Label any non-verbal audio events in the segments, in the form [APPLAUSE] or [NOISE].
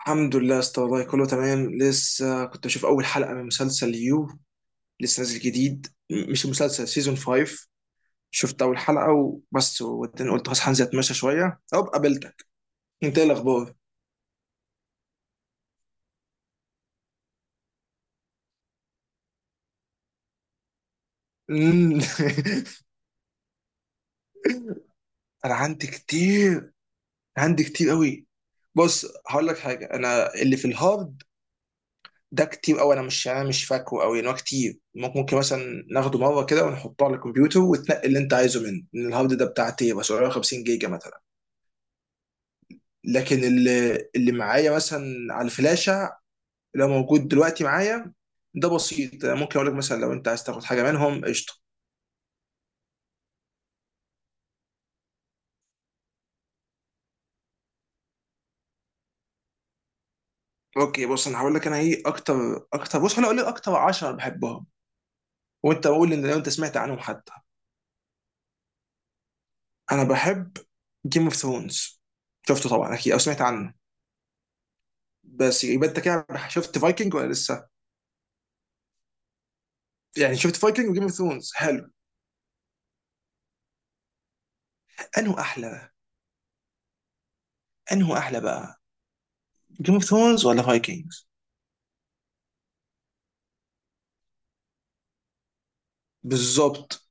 الحمد لله يا اسطى، والله كله تمام. لسه كنت بشوف اول حلقه من مسلسل يو، لسه نازل جديد، مش مسلسل سيزون 5. شفت اول حلقه وبس، وبعدين قلت خلاص هنزل اتمشى شويه او قابلتك. انت ايه الاخبار؟ مم. [LAUGHS] انا عندي كتير، عندي كتير قوي. بص هقول لك حاجه، انا اللي في الهارد ده كتير قوي. انا مش فاكره قوي ان هو كتير. ممكن مثلا ناخده مره كده ونحطه على الكمبيوتر وتنقي اللي انت عايزه منه، إن الهارد ده بتاع تيرا 750 جيجا مثلا. لكن اللي معايا مثلا على الفلاشه، اللي هو موجود دلوقتي معايا، ده بسيط. ممكن اقول لك مثلا لو انت عايز تاخد حاجه منهم، قشطه. اوكي بص، انا هقول لك انا ايه اكتر بص انا اقول لك اكتر 10 بحبهم، وانت قول ان لو انت سمعت عنهم حتى. انا بحب جيم اوف ثرونز. شفته طبعا اكيد او سمعت عنه، بس يبقى انت كده شفت فايكنج ولا لسه؟ يعني شفت فايكنج وجيم اوف ثرونز حلو. انه احلى انه احلى بقى، جيم اوف ثرونز ولا فايكنجز؟ بالظبط.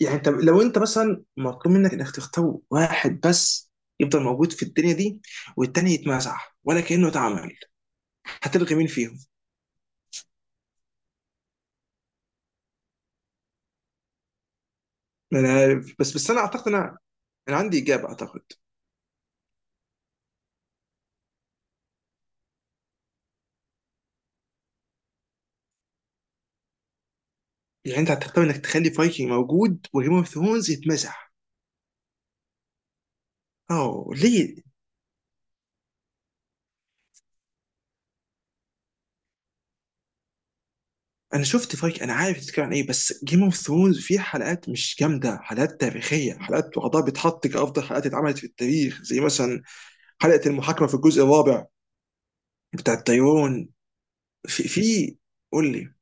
يعني انت لو انت مثلا مطلوب منك انك تختار واحد بس يفضل موجود في الدنيا دي، والتاني يتمسح ولا كأنه اتعمل، هتلغي مين فيهم؟ انا، بس انا اعتقد، انا عندي اجابه اعتقد. يعني انت هتختار انك تخلي فايكنج موجود وجيم اوف ثرونز يتمسح؟ اه ليه؟ انا شفت فايكنج، انا عارف بتتكلم عن ايه، بس جيم اوف ثرونز فيه حلقات مش جامده، حلقات تاريخيه، حلقات وعضها بيتحط كافضل حلقات اتعملت في التاريخ، زي مثلا حلقه المحاكمه في الجزء الرابع بتاع الطيران. في في قول لي.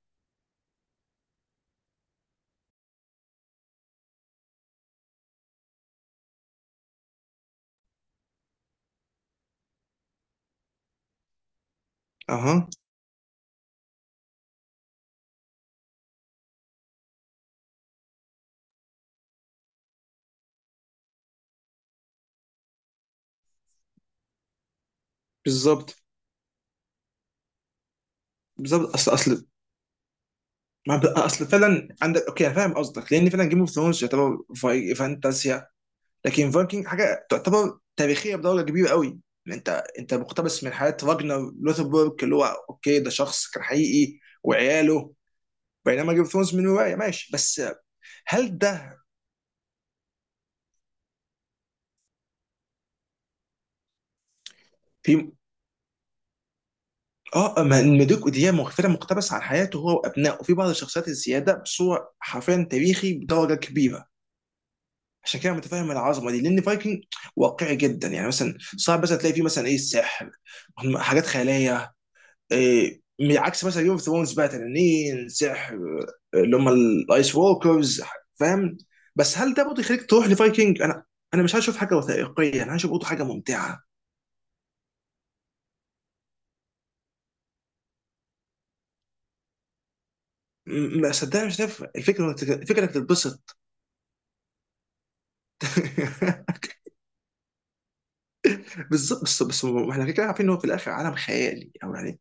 اها، بالظبط بالظبط، اصل ما ب- اصل فعلا عندك، اوكي أنا فاهم قصدك، لان فعلا جيم اوف ثرونز يعتبر فانتازيا، لكن فايكنج حاجه تعتبر تاريخيه بدرجه كبيره قوي. إن انت مقتبس من حياه راجنر لوثبورج، اللي هو اوكي ده شخص كان حقيقي وعياله، بينما جيم اوف ثرونز من روايه ماشي بس. هل ده في، اه ما مدوك ودي مغفره، مقتبس عن حياته هو وابنائه وفي بعض الشخصيات الزياده، بصوره حرفيا تاريخي بدرجه كبيره. عشان كده متفاهم العظمه دي، لان فايكنج واقعي جدا. يعني مثلا صعب مثلا تلاقي فيه مثلا ايه، السحر، حاجات خياليه إيه، من عكس مثلا جيم اوف ثرونز بقى، تنانين، سحر، اللي هم الايس ووكرز، فاهم؟ بس هل ده برضه يخليك تروح لفايكنج؟ انا مش هشوف حاجه وثائقيه، انا هشوف برضه حاجه ممتعه. ما صدقني، مش شايف الفكره؟ الفكره انك تتبسط. [LAUGHS] بالظبط، بس ما احنا كده كده عارفين ان هو في الاخر عالم خيالي او يعني.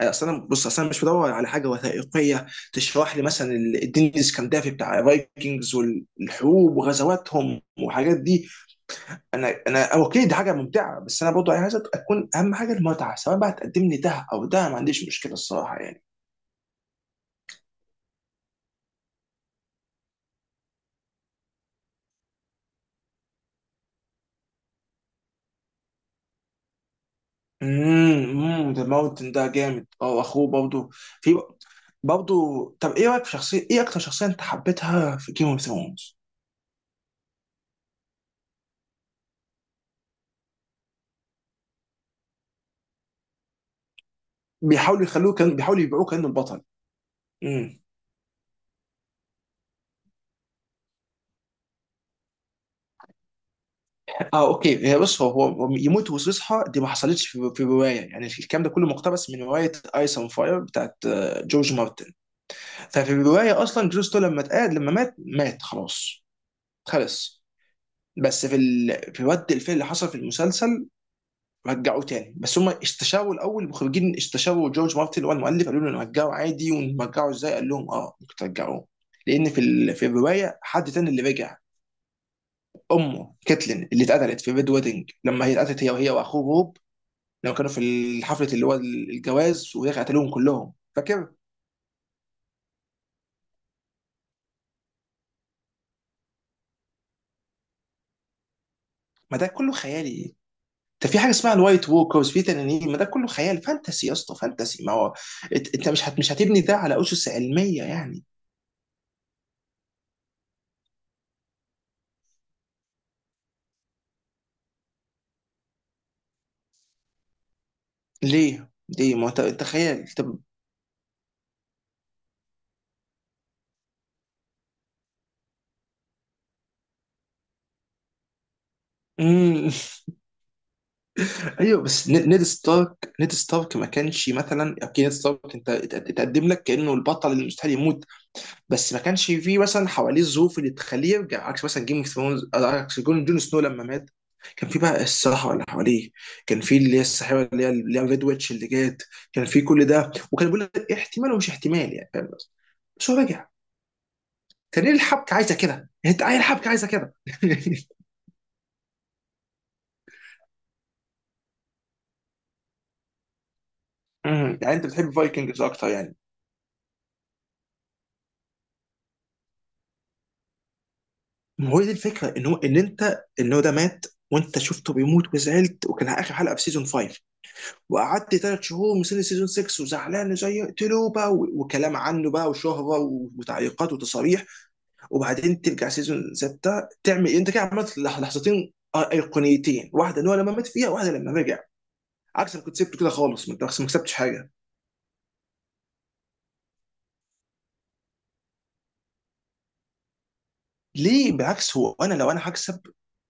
اصل انا، اصل انا مش بدور على حاجه وثائقيه تشرح لي مثلا الدين الاسكندافي بتاع الفايكنجز والحروب وغزواتهم والحاجات دي. انا اوكي، دي حاجه ممتعه، بس انا برضه عايز اكون اهم حاجه المتعه، سواء بقى تقدم لي ده او ده، ما عنديش مشكله الصراحه يعني. ذا ماونتن ده جامد، اه، اخوه برضه في، برضه. طب ايه رايك في شخصيه، ايه اكتر شخصيه انت حبيتها في جيم اوف ثرونز؟ بيحاولوا يخلوه كان بيحاولوا يبيعوه كانه البطل. امم اه اوكي، هي بص، هو يموت ويصحى دي، ما حصلتش في روايه. يعني الكلام ده كله مقتبس من روايه ايس اون فاير بتاعت جورج مارتن. ففي الروايه اصلا جريستو لما مات، مات خلاص. خلص. بس في في رد الفعل اللي حصل في المسلسل، رجعوه تاني، بس هم استشاروا الاول، المخرجين استشاروا جورج مارتن اللي هو المؤلف، قالوا له نرجعه عادي ونرجعه ازاي، قال لهم اه ممكن ترجعوه، لان في في الروايه حد تاني اللي رجع، امه كاتلين اللي اتقتلت في ريد ويدنج. لما هي اتقتلت هي واخوه، لو كانوا في الحفلة اللي هو الجواز، وهي قتلوهم كلهم، فاكر؟ ما ده كله خيالي. ده في حاجة اسمها الوايت ووكرز، في تنانين، ما ده كله خيال فانتسي يا اسطى، فانتسي. ما هو، انت مش هتبني ده على أسس علمية يعني. ليه؟ ليه؟ ما هو انت خيال طب. مم. [LAUGHS] ايوه، بس نيد ستارك ما كانش مثلا، اوكي نيد ستارك انت اتقدم لك كأنه البطل اللي مستحيل يموت، بس ما كانش فيه مثلا حواليه الظروف اللي تخليه يرجع. عكس مثلا جيم اوف ثرونز، عكس جون سنو لما مات، كان في بقى الصحراء اللي حواليه، كان في اللي هي الساحره، اللي هي ريد ويتش اللي جات، كان في كل ده، وكان بيقول لك احتمال ومش احتمال يعني، فاهم؟ بس هو رجع، كان ليه؟ الحبكه عايزه كده، انت عايز الحبكه عايزه كده. [LAUGHS] مم. يعني انت بتحب فايكنجز اكتر يعني. ما هو دي الفكره، ان هو ده مات، وانت شفته بيموت وزعلت، وكان اخر حلقه في سيزون 5، وقعدت 3 شهور مستني سيزون 6 وزعلان، زي يقتلوا بقى، وكلام عنه بقى، وشهره، وتعليقات وتصاريح. وبعدين ترجع سيزون 6 تعمل انت كده، عملت لحظتين ايقونيتين، واحده ان هو لما مات فيها، واحده لما رجع، عكس ما كنت سبته كده خالص ما انت ما كسبتش حاجه. ليه؟ بالعكس هو، انا لو انا هكسب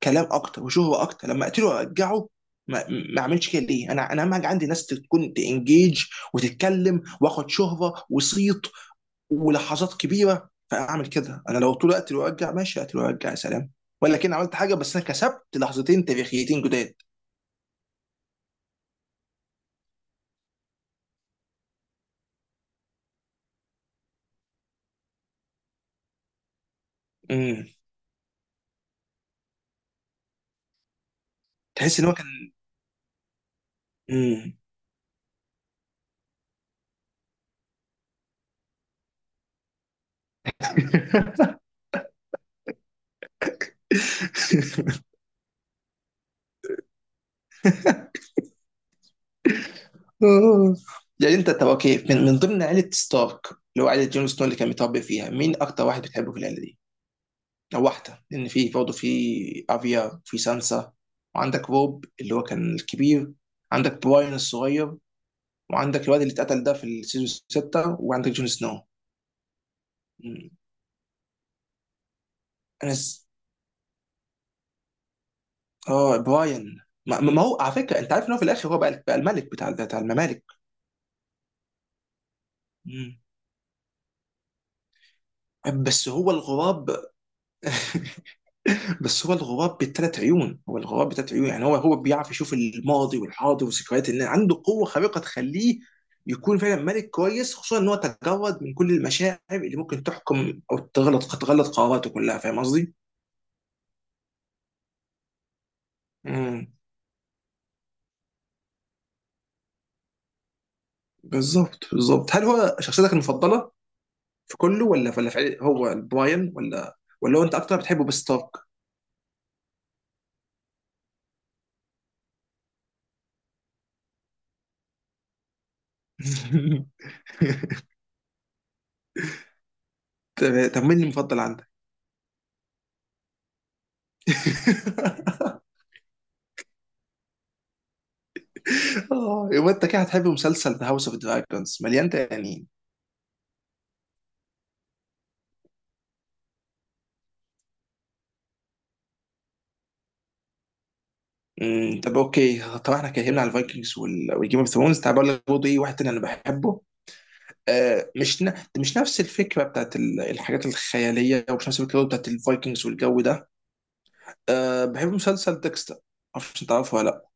كلام اكتر وشهره اكتر لما اقتله وارجعه، ما اعملش كده ليه؟ انا اهم حاجه عندي ناس تكون تنجيج وتتكلم، واخد شهره وصيت ولحظات كبيره، فاعمل كده. انا لو طول الوقت وارجع ماشي، اقتل وارجع، يا سلام. ولا كان عملت حاجه، بس انا كسبت لحظتين تاريخيتين جداد. امم. تحس ان هو كان امم [LAUGHS] يعني انت طب اوكي، من ضمن عيله ستارك اللي هو عيله جون سنو اللي كان متربي فيها، مين اكتر واحد بتحبه في العيله دي؟ او واحده، لان في برضه، في افيا، في سانسا، وعندك روب اللي هو كان الكبير، عندك براين الصغير، وعندك الواد اللي اتقتل ده في السيزون 6، وعندك جون سنو. انا س... اه براين. ما هو على فكره، انت عارف ان هو في الاخر هو بقى الملك بتاع الممالك. مم. بس هو الغراب بس هو الغراب بالثلاث عيون، هو الغراب بالثلاث عيون، يعني هو بيعرف يشوف الماضي والحاضر وذكريات الناس، عنده قوه خارقه تخليه يكون فعلا ملك كويس، خصوصا ان هو تجرد من كل المشاعر اللي ممكن تحكم او تغلط قراراته كلها، فاهم قصدي؟ مم. بالظبط بالظبط. هل هو شخصيتك المفضله في كله؟ ولا هو براين، ولا هو انت اكتر بتحبه بستارك؟ [LAUGHS] طب طب، مين المفضل عندك؟ [LAUGHS] آه، يبقى انت كده هتحب مسلسل ذا هاوس اوف دراجونز، مليان تنانين. طب اوكي، طبعا احنا اتكلمنا على الفايكنجز والجيم اوف ثرونز، تعال بقول لك برضه ايه واحد تاني انا بحبه. مش مش نفس الفكره بتاعت الحاجات الخياليه، ومش نفس الفكره بتاعت الفايكنجز والجو ده. بحب مسلسل ديكستر، معرفش انت عارفه ولا.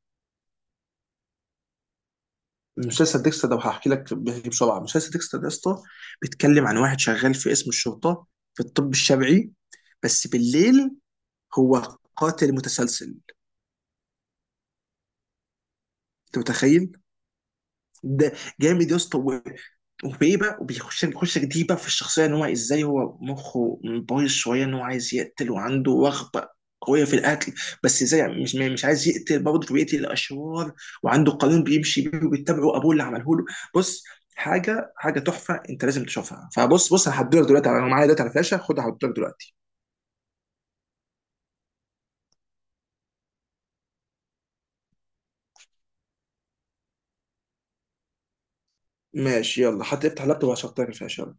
مسلسل ديكستر ده هحكي لك، بيحكي بسرعه. مسلسل ديكستر ده يا اسطى بيتكلم عن واحد شغال في قسم الشرطه، في الطب الشرعي، بس بالليل هو قاتل متسلسل. انت متخيل ده جامد يا اسطى، وبايه بقى، وبيخش يخش جديد بقى في الشخصيه، ان هو ازاي، هو مخه بايظ شويه، ان هو عايز يقتل، وعنده رغبه قويه في القتل، بس ازاي يعني، مش عايز يقتل برضه، فبيقتل الاشرار، وعنده قانون بيمشي بيه وبيتبعه، ابوه اللي عمله له. بص، حاجه تحفه، انت لازم تشوفها. فبص بص، انا هديلك دلوقتي، انا معايا دلوقتي على فلاشه، خدها هديلك دلوقتي. ماشي يلا، حتى افتح اللابتوب وهشغلك الفلاشه.